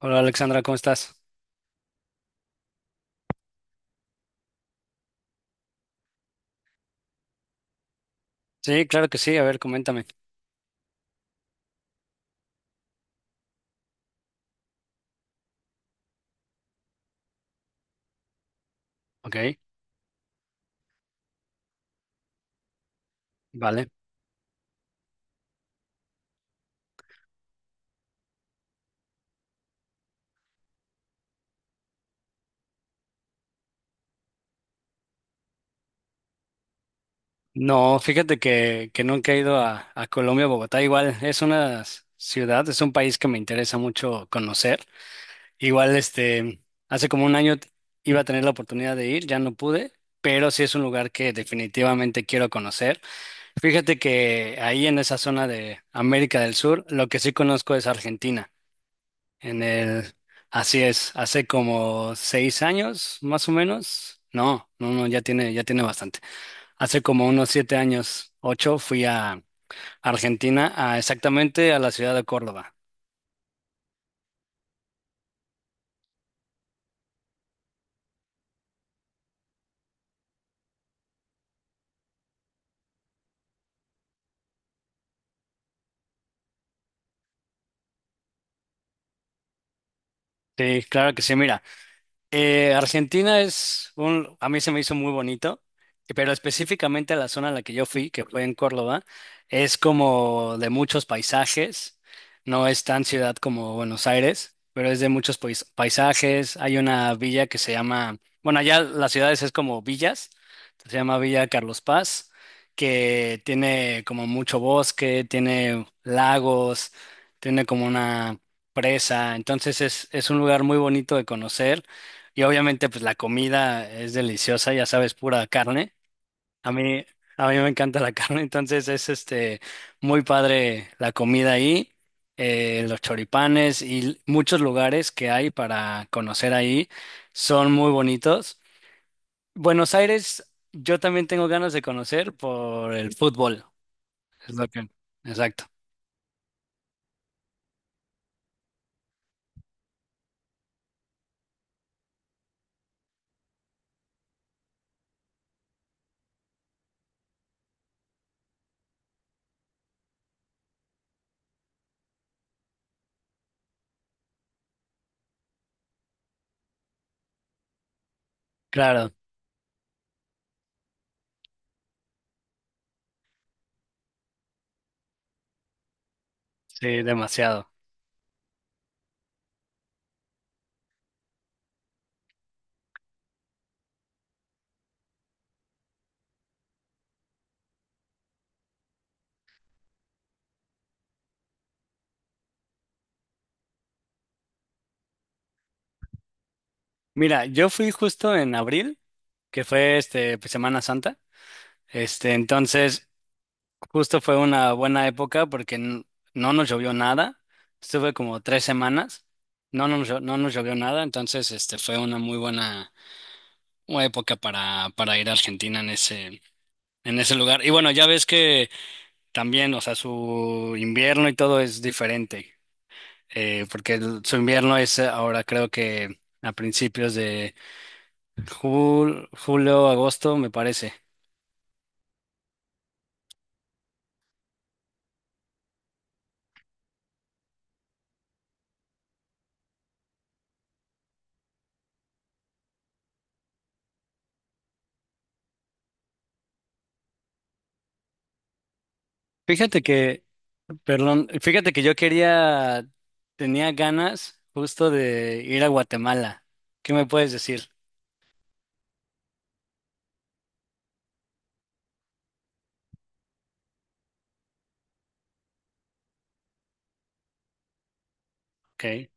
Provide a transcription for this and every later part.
Hola Alexandra, ¿cómo estás? Sí, claro que sí, a ver, coméntame. Ok, vale. No, fíjate que nunca he ido a Colombia, Bogotá. Igual es ciudad, es un país que me interesa mucho conocer. Igual, hace como un año iba a tener la oportunidad de ir, ya no pude, pero sí es un lugar que definitivamente quiero conocer. Fíjate que ahí en esa zona de América del Sur, lo que sí conozco es Argentina. En el, así es, hace como seis años, más o menos. No, no, no, ya tiene bastante. Hace como unos siete años, ocho, fui a Argentina, a exactamente a la ciudad de Córdoba. Sí, claro que sí, mira. Argentina es un, a mí se me hizo muy bonito, pero específicamente la zona a la que yo fui, que fue en Córdoba, es como de muchos paisajes, no es tan ciudad como Buenos Aires, pero es de muchos paisajes. Hay una villa que se llama, bueno, allá las ciudades es como villas, se llama Villa Carlos Paz, que tiene como mucho bosque, tiene lagos, tiene como una presa. Entonces es un lugar muy bonito de conocer y obviamente, pues la comida es deliciosa, ya sabes, pura carne. A mí, a mí me encanta la carne, entonces es muy padre la comida ahí, los choripanes y muchos lugares que hay para conocer ahí son muy bonitos. Buenos Aires, yo también tengo ganas de conocer por el fútbol. Es lo que, exacto. Claro, sí, demasiado. Mira, yo fui justo en abril, que fue pues, Semana Santa. Entonces justo fue una buena época porque no nos llovió nada. Estuve como tres semanas. No nos llovió nada. Entonces, fue una muy buena, una época para ir a Argentina en ese lugar. Y bueno, ya ves que también, o sea, su invierno y todo es diferente, porque su invierno es ahora creo que a principios de julio, agosto, me parece. Fíjate que, perdón, fíjate que yo quería, tenía ganas justo de ir a Guatemala. ¿Qué me puedes decir? Okay.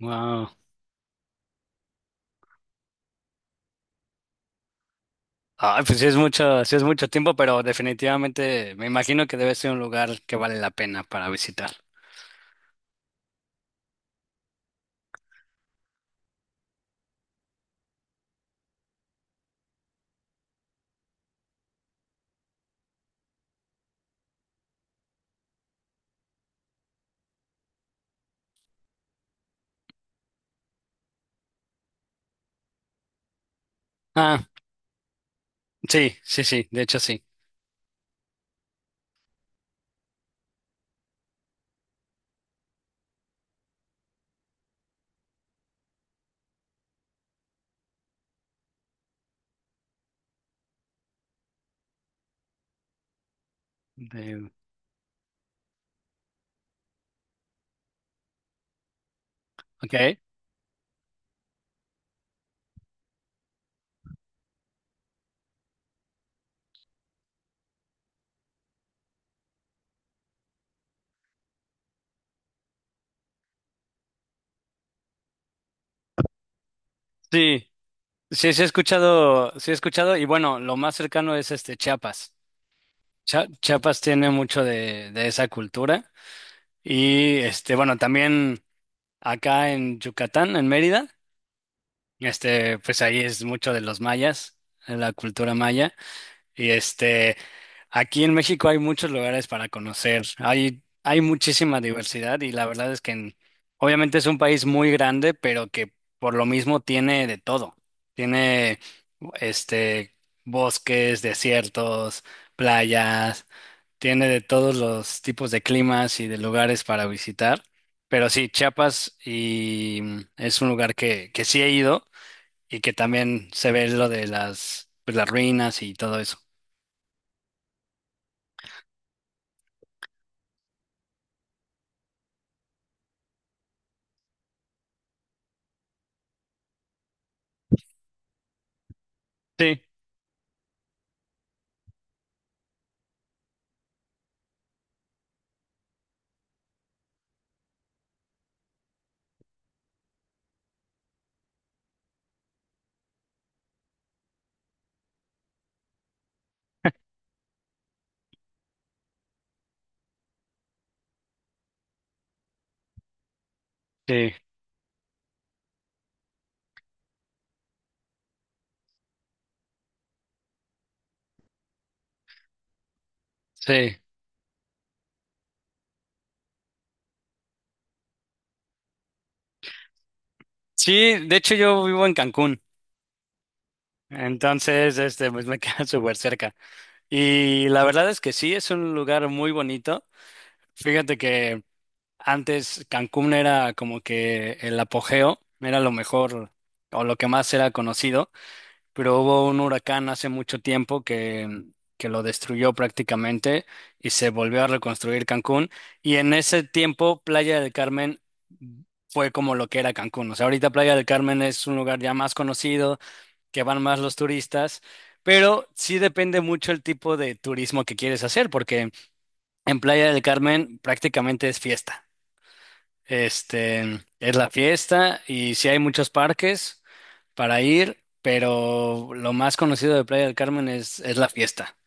Wow. Ah, pues sí es mucho tiempo, pero definitivamente me imagino que debe ser un lugar que vale la pena para visitar. Ah, sí, sí, sí, de hecho sí. De- ok, sí. Sí, sí he escuchado, y bueno, lo más cercano es Chiapas. Chiapas tiene mucho de esa cultura. Y bueno, también acá en Yucatán, en Mérida, pues ahí es mucho de los mayas, la cultura maya. Y aquí en México hay muchos lugares para conocer. Hay muchísima diversidad y la verdad es que obviamente es un país muy grande, pero que por lo mismo tiene de todo. Tiene este bosques, desiertos, playas, tiene de todos los tipos de climas y de lugares para visitar. Pero sí, Chiapas es un lugar que sí he ido y que también se ve lo de las, pues, las ruinas y todo eso. Sí. Sí, sí. Sí, de hecho yo vivo en Cancún, entonces pues me queda súper cerca. Y la verdad es que sí, es un lugar muy bonito. Fíjate que antes Cancún era como que el apogeo, era lo mejor o lo que más era conocido, pero hubo un huracán hace mucho tiempo que lo destruyó prácticamente y se volvió a reconstruir Cancún. Y en ese tiempo, Playa del Carmen fue como lo que era Cancún. O sea, ahorita Playa del Carmen es un lugar ya más conocido, que van más los turistas. Pero sí depende mucho el tipo de turismo que quieres hacer, porque en Playa del Carmen prácticamente es fiesta. Es la fiesta y sí hay muchos parques para ir, pero lo más conocido de Playa del Carmen es la fiesta.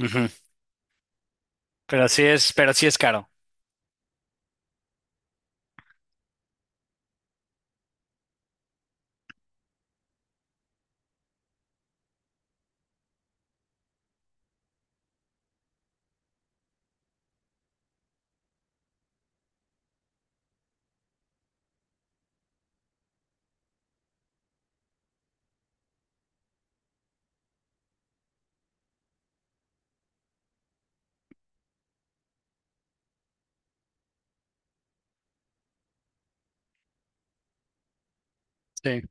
Ujú. Pero sí es caro. Sí.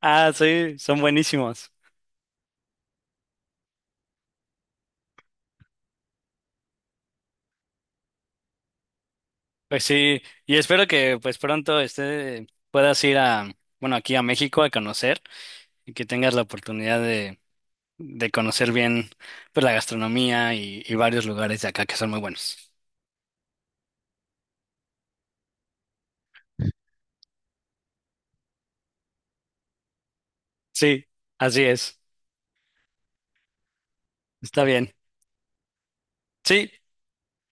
Ah, sí, son buenísimos. Pues sí, y espero que pues pronto puedas ir a, bueno, aquí a México a conocer y que tengas la oportunidad de conocer bien pues la gastronomía y varios lugares de acá que son muy buenos. Sí, así es. Está bien. Sí,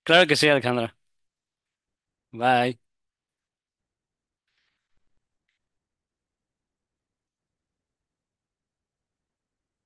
claro que sí, Alejandra. Bye.